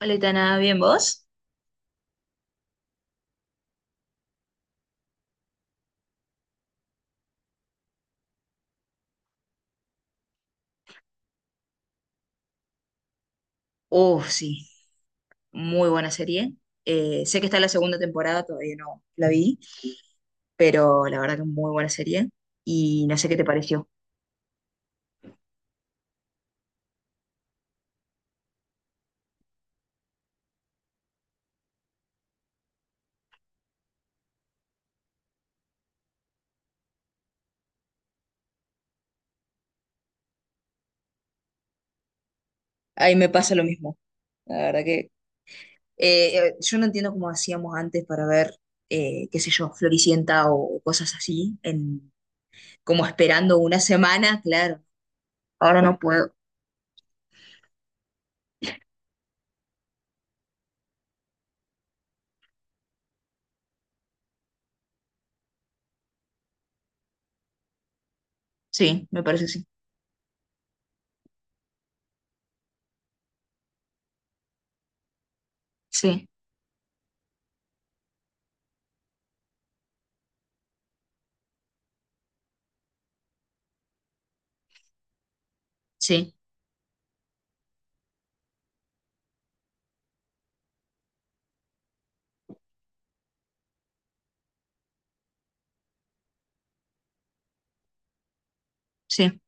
Hola, nada, ¿bien vos? Oh, sí, muy buena serie. Sé que está la segunda temporada, todavía no la vi, pero la verdad que muy buena serie. Y no sé qué te pareció. Ahí me pasa lo mismo. La verdad que yo no entiendo cómo hacíamos antes para ver, qué sé yo, Floricienta o cosas así, en, como esperando una semana, claro. Ahora no puedo. Sí, me parece que sí. Sí, sí, sí.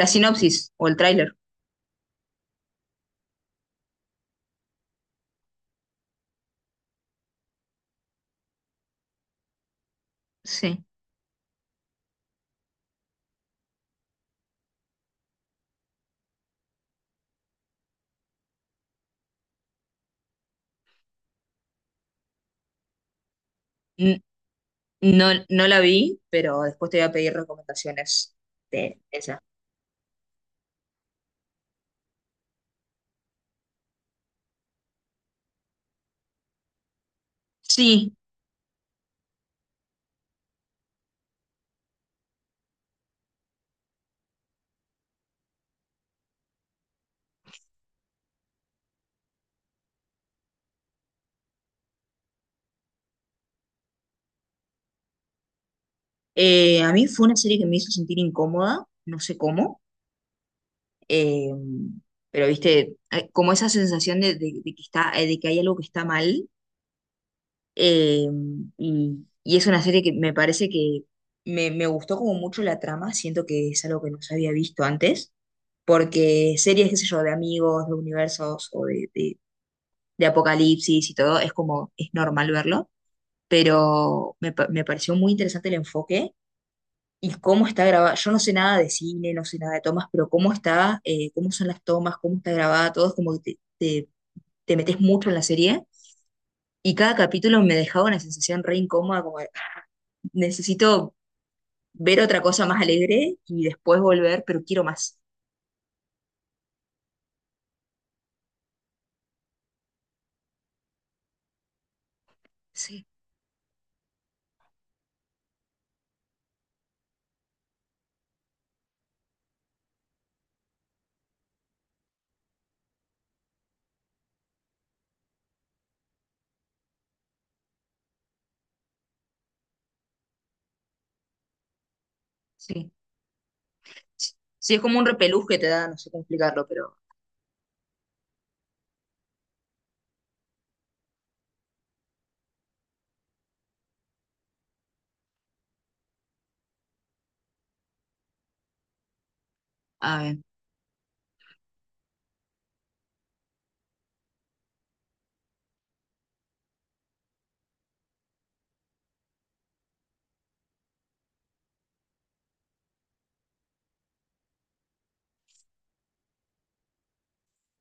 La sinopsis o el tráiler. Sí. No, no la vi, pero después te voy a pedir recomendaciones de esa. Sí, a mí fue una serie que me hizo sentir incómoda, no sé cómo, eh, pero viste, como esa sensación de que está, de que hay algo que está mal, eh, y es una serie que me parece que me gustó como mucho la trama. Siento que es algo que no se había visto antes, porque series, qué sé yo, de amigos, de universos o de de apocalipsis y todo, es como, es normal verlo, pero me pareció muy interesante el enfoque y cómo está grabada. Yo no sé nada de cine, no sé nada de tomas, pero cómo está, cómo son las tomas, cómo está grabada, todo es como que te, te metes mucho en la serie, y cada capítulo me dejaba una sensación re incómoda, como de, "Ah, necesito ver otra cosa más alegre y después volver, pero quiero más." Sí, sí. Sí, es como un repelús que te da, no sé cómo explicarlo, pero...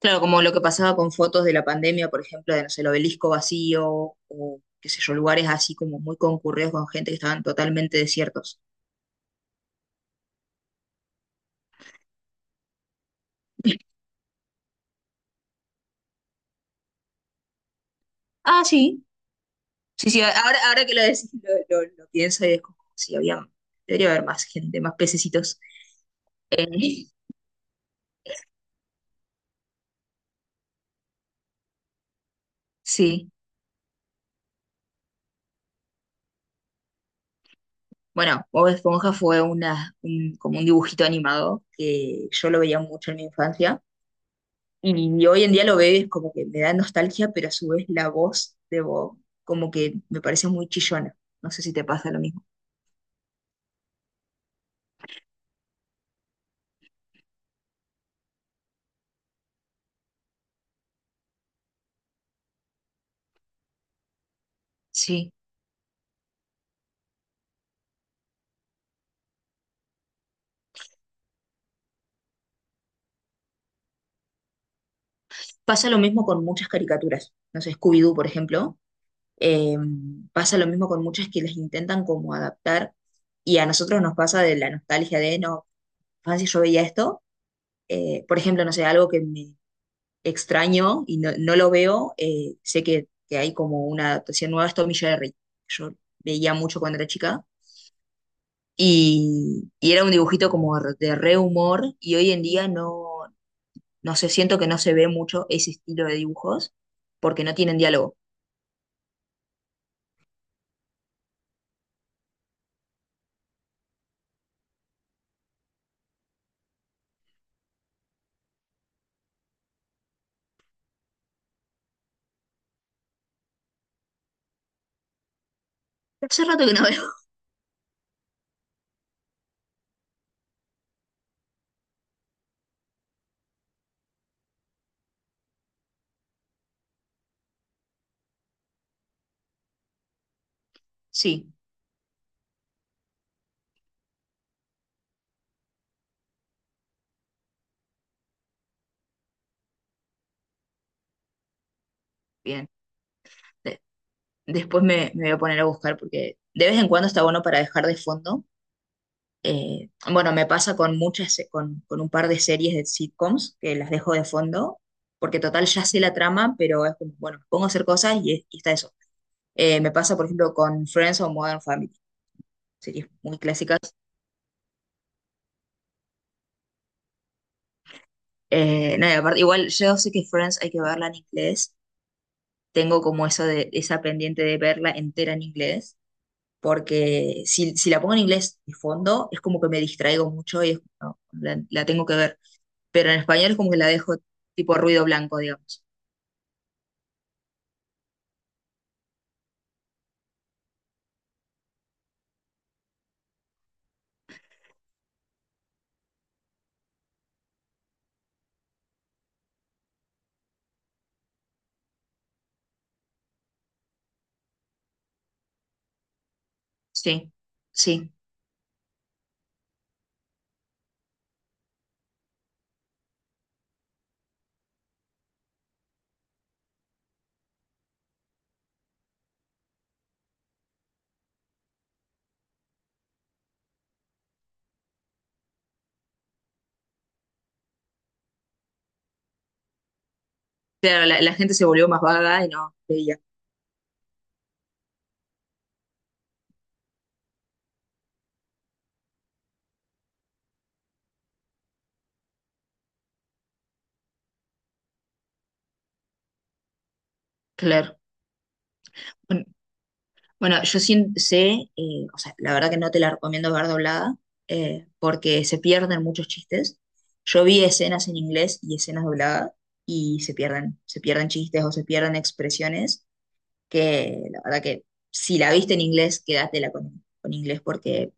Claro, como lo que pasaba con fotos de la pandemia, por ejemplo, de, no sé, el obelisco vacío o qué sé yo, lugares así como muy concurridos con gente que estaban totalmente desiertos. Ah, sí, sí, sí, ahora que lo decís, lo pienso y es como, sí, había, debería haber más gente, más pececitos. Eh, sí, bueno, Bob Esponja fue como un dibujito animado que yo lo veía mucho en mi infancia. Y hoy en día lo ves como que me da nostalgia, pero a su vez la voz de Bob como que me parece muy chillona. No sé si te pasa lo mismo. Sí. Pasa lo mismo con muchas caricaturas. No sé, Scooby-Doo, por ejemplo. eh, Pasa lo mismo con muchas que las intentan como adaptar. Y a nosotros nos pasa de la nostalgia de, no, si yo veía esto. Por ejemplo, no sé, algo que me extraño y no, no lo veo. Sé que hay como una adaptación nueva, es Tom y Jerry. Yo veía mucho cuando era chica. Y era un dibujito como de re humor y hoy en día no, no sé, siento que no se ve mucho ese estilo de dibujos porque no tienen diálogo. Hace rato que no veo. Sí, bien. De- Después me voy a poner a buscar porque de vez en cuando está bueno para dejar de fondo. Bueno, me pasa con con un par de series de sitcoms que las dejo de fondo porque total ya sé la trama, pero es como, bueno, me pongo a hacer cosas y está eso. Me pasa, por ejemplo, con Friends o Modern Family, series muy clásicas. No, y aparte, igual yo sé que Friends hay que verla en inglés. Tengo como eso de esa pendiente de verla entera en inglés, porque si la pongo en inglés de fondo, es como que me distraigo mucho no, la tengo que ver. Pero en español es como que la dejo tipo ruido blanco, digamos. Sí, sí. Claro, la gente se volvió más vaga y no veía. Claro. Bueno, yo sí sé, o sea, la verdad que no te la recomiendo ver doblada, porque se pierden muchos chistes. Yo vi escenas en inglés y escenas dobladas y se pierden chistes o se pierden expresiones, que la verdad que si la viste en inglés, quédatela con inglés porque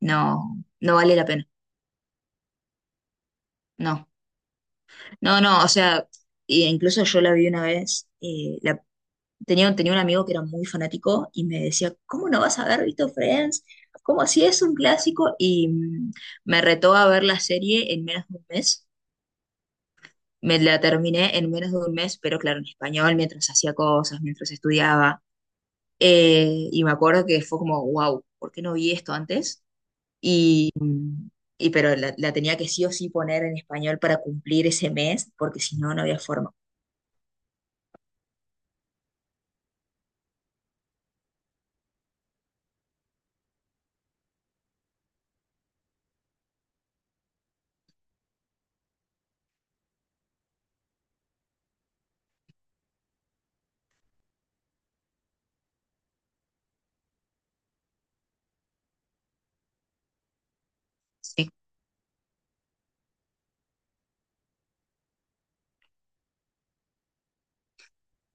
no, no vale la pena. No, no, no, o sea, e incluso yo la vi una vez, tenía, tenía un amigo que era muy fanático y me decía, "¿Cómo no vas a haber visto Friends? ¿Cómo así? Es un clásico." Y mm, me retó a ver la serie en menos de un mes. Me la terminé en menos de un mes, pero claro, en español, mientras hacía cosas, mientras estudiaba. Y me acuerdo que fue como, wow, ¿por qué no vi esto antes? Y, y pero la tenía que sí o sí poner en español para cumplir ese mes, porque si no, no había forma.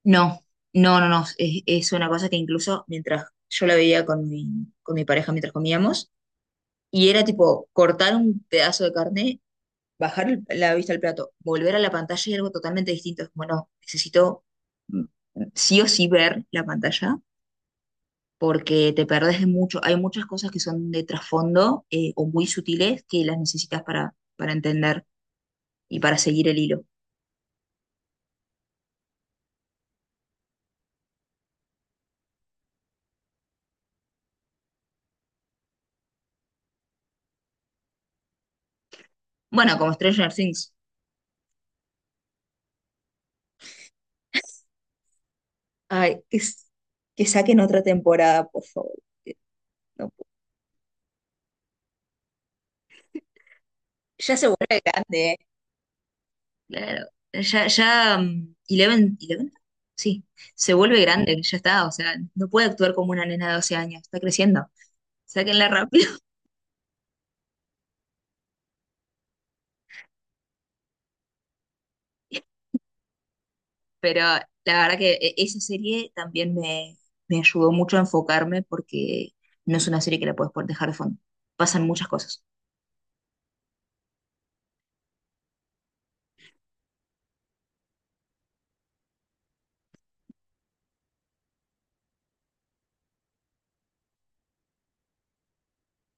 No, no, no, no. Es una cosa que incluso mientras yo la veía con mi pareja mientras comíamos, y era tipo cortar un pedazo de carne, bajar la vista al plato, volver a la pantalla y algo totalmente distinto. Es como, no, necesito mm, sí o sí ver la pantalla porque te perdés de mucho. Hay muchas cosas que son de trasfondo, o muy sutiles, que las necesitas para entender y para seguir el hilo. Bueno, como Stranger Things. Ay, que saquen otra temporada, por favor. No, ya se vuelve grande, ¿eh? Claro. Ya, ya, mm, Eleven, Eleven, sí, se vuelve grande, ya está, o sea, no puede actuar como una nena de 12 años, está creciendo, sáquenla rápido. Pero la verdad que esa serie también me ayudó mucho a enfocarme porque no es una serie que la puedes dejar de fondo. Pasan muchas cosas.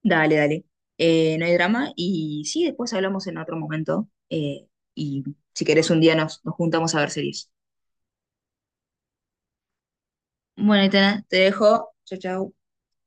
Dale, dale. No hay drama y sí, después hablamos en otro momento, y si querés un día nos juntamos a ver series. Bueno, Itana, te dejo. Chau, chau.